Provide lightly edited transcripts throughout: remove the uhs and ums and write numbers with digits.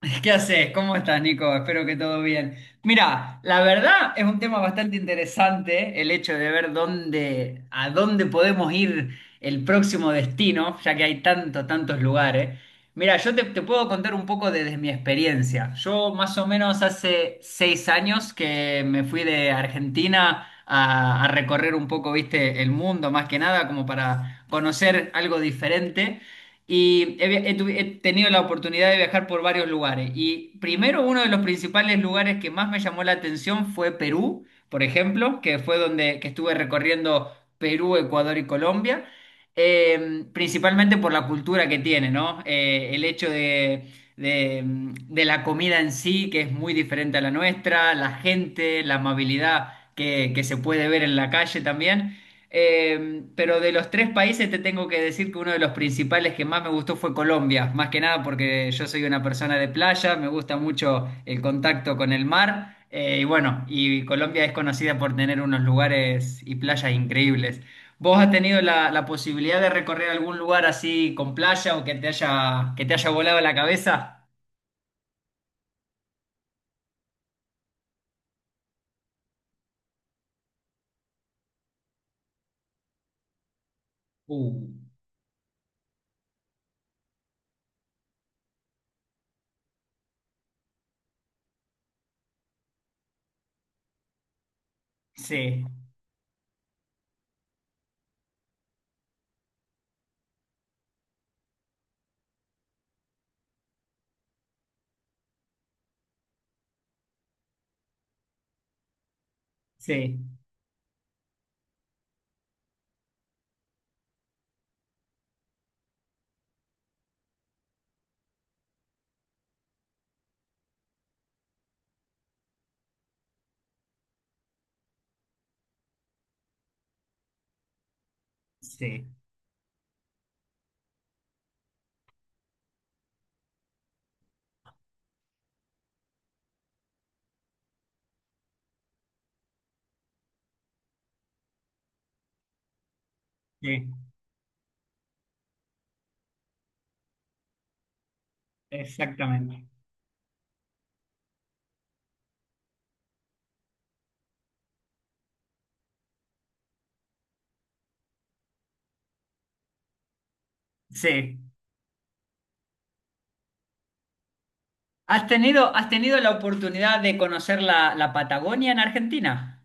¿Qué haces? ¿Cómo estás, Nico? Espero que todo bien. Mira, la verdad es un tema bastante interesante el hecho de ver dónde, a dónde podemos ir el próximo destino, ya que hay tantos, tantos lugares. Mira, yo te puedo contar un poco desde mi experiencia. Yo más o menos hace 6 años que me fui de Argentina a recorrer un poco, viste, el mundo, más que nada, como para conocer algo diferente. He tenido la oportunidad de viajar por varios lugares. Y primero, uno de los principales lugares que más me llamó la atención fue Perú, por ejemplo, que fue donde que estuve recorriendo Perú, Ecuador y Colombia, principalmente por la cultura que tiene, ¿no? El hecho de la comida en sí, que es muy diferente a la nuestra, la gente, la amabilidad que se puede ver en la calle también. Pero de los tres países te tengo que decir que uno de los principales que más me gustó fue Colombia, más que nada porque yo soy una persona de playa, me gusta mucho el contacto con el mar, y bueno, y Colombia es conocida por tener unos lugares y playas increíbles. ¿Vos has tenido la posibilidad de recorrer algún lugar así con playa o que te haya volado la cabeza? Uh, sí, sí, sí, sí, exactamente. Sí. Has tenido la oportunidad de conocer la Patagonia en Argentina?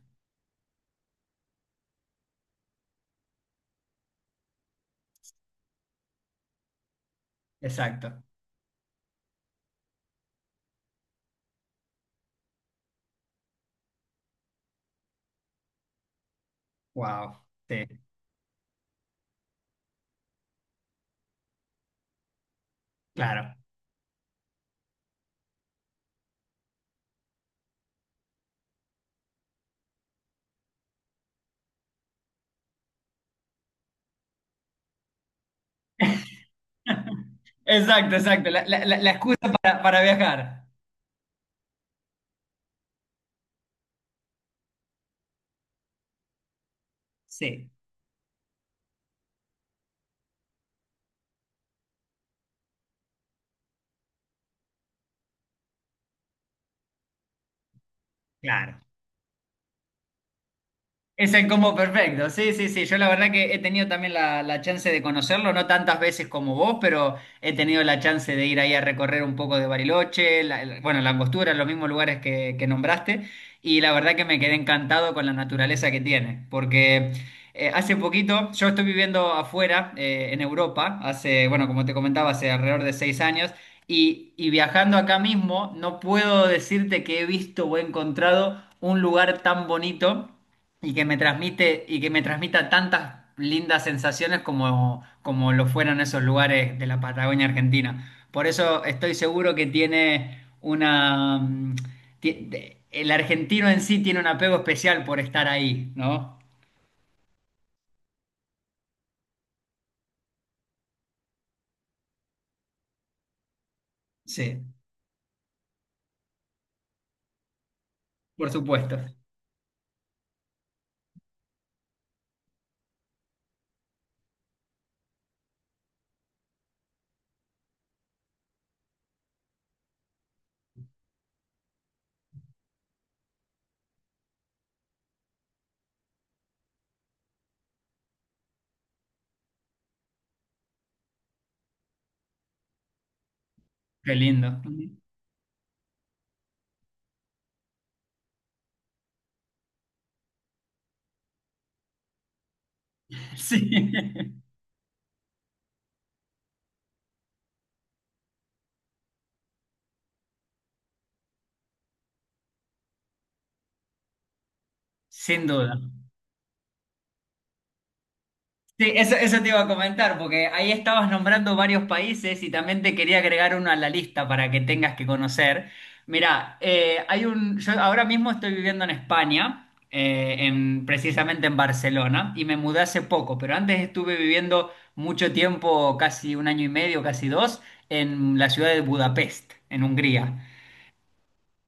Exacto. Wow. Sí, claro. Exacto, exacto. La excusa para viajar. Sí, claro. Es el combo perfecto, sí, sí, sí. Yo la verdad que he tenido también la chance de conocerlo, no tantas veces como vos, pero he tenido la chance de ir ahí a recorrer un poco de Bariloche, bueno, la Angostura, los mismos lugares que nombraste, y la verdad que me quedé encantado con la naturaleza que tiene, porque hace poquito, yo estoy viviendo afuera, en Europa, hace, bueno, como te comentaba, hace alrededor de 6 años, y viajando acá mismo, no puedo decirte que he visto o he encontrado un lugar tan bonito y que me transmita tantas lindas sensaciones como, como lo fueron esos lugares de la Patagonia Argentina. Por eso estoy seguro que tiene una el argentino en sí tiene un apego especial por estar ahí, ¿no? Sí, por supuesto. Qué lindo. Sí, sin duda. Sí, eso te iba a comentar, porque ahí estabas nombrando varios países y también te quería agregar uno a la lista para que tengas que conocer. Mirá, yo ahora mismo estoy viviendo en España, precisamente en Barcelona, y me mudé hace poco, pero antes estuve viviendo mucho tiempo, casi un año y medio, casi dos, en la ciudad de Budapest, en Hungría.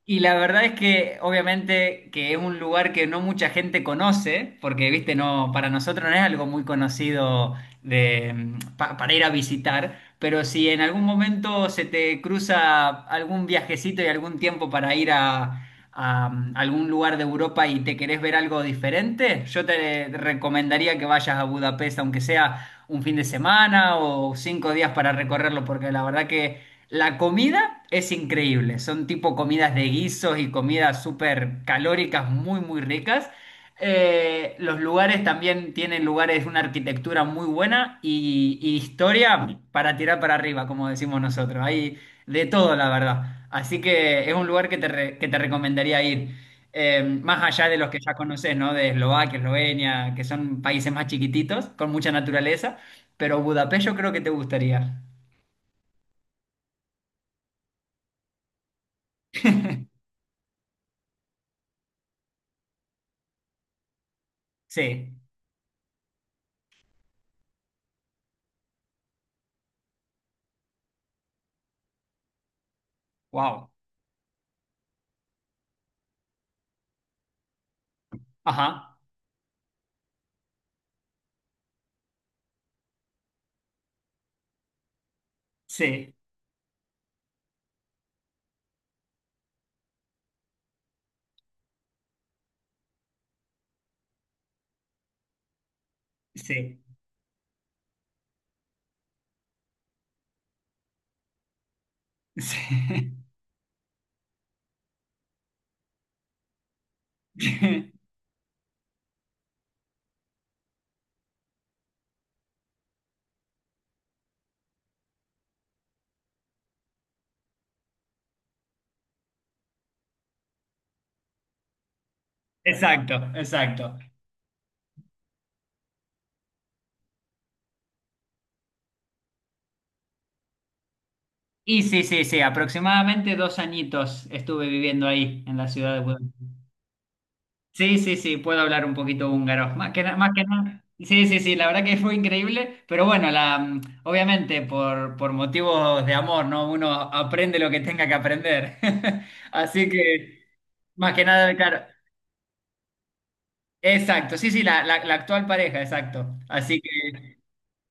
Y la verdad es que obviamente que es un lugar que no mucha gente conoce, porque viste, no, para nosotros no es algo muy conocido para ir a visitar, pero si en algún momento se te cruza algún viajecito y algún tiempo para ir a algún lugar de Europa y te querés ver algo diferente, yo te recomendaría que vayas a Budapest, aunque sea un fin de semana o 5 días para recorrerlo, porque la verdad que... La comida es increíble, son tipo comidas de guisos y comidas súper calóricas, muy, muy ricas. Los lugares también tienen lugares, una arquitectura muy buena y historia para tirar para arriba, como decimos nosotros. Hay de todo, la verdad. Así que es un lugar que te recomendaría ir. Más allá de los que ya conoces, ¿no? De Eslovaquia, Eslovenia, que son países más chiquititos, con mucha naturaleza. Pero Budapest yo creo que te gustaría. Sí, wow. Ajá, sí, sí, sí. Exacto, exacto. Y sí, sí, sí, aproximadamente 2 añitos estuve viviendo ahí, en la ciudad de Budapest. Sí, sí, sí, puedo hablar un poquito húngaro, más que nada, más que nada. Sí, sí, sí, la verdad que fue increíble, pero bueno, obviamente por motivos de amor, ¿no? Uno aprende lo que tenga que aprender. Así que, más que nada, claro. Exacto, sí, sí, la actual pareja, exacto. Así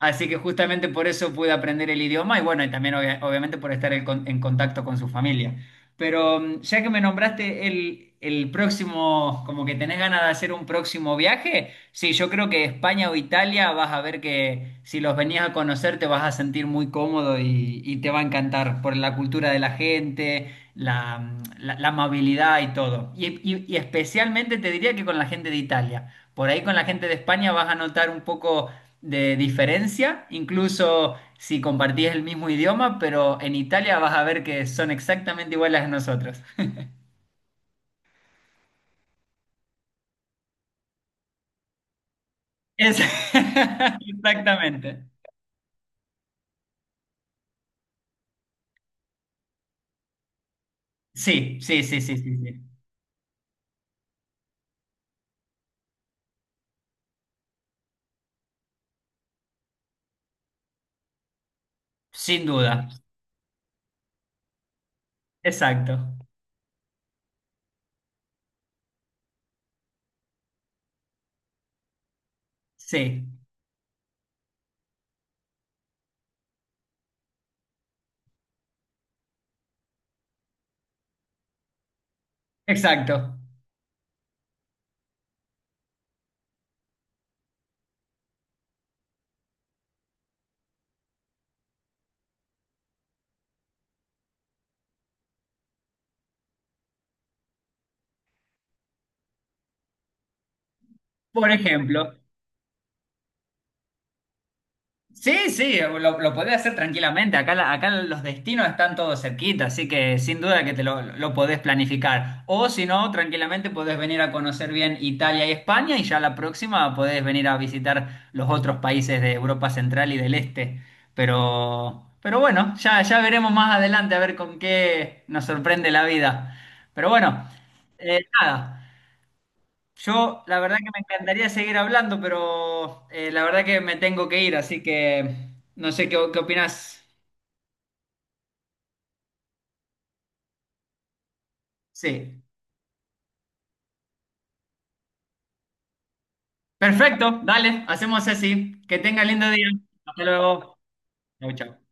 Así que justamente por eso pude aprender el idioma y bueno, y también obviamente por estar en contacto con su familia. Pero ya que me nombraste el próximo, como que tenés ganas de hacer un próximo viaje, sí, yo creo que España o Italia vas a ver que si los venías a conocer te vas a sentir muy cómodo y te va a encantar por la cultura de la gente, la amabilidad y todo. Y especialmente te diría que con la gente de Italia. Por ahí con la gente de España vas a notar un poco de diferencia, incluso si compartís el mismo idioma, pero en Italia vas a ver que son exactamente iguales a nosotros. Es- Exactamente. Sí, sí, sí, sí, sí, sí. Sin duda. Exacto. Sí, exacto. Por ejemplo, sí, sí, lo podés hacer tranquilamente. Acá, acá los destinos están todos cerquita, así que sin duda que te lo podés planificar. O si no, tranquilamente podés venir a conocer bien Italia y España y ya la próxima podés venir a visitar los otros países de Europa Central y del Este. Pero bueno, ya, ya veremos más adelante a ver con qué nos sorprende la vida. Pero bueno, nada. Yo, la verdad que me encantaría seguir hablando, pero la verdad que me tengo que ir, así que no sé qué, qué opinas. Sí. Perfecto, dale, hacemos así. Que tenga lindo día. Hasta luego. Chau, chau.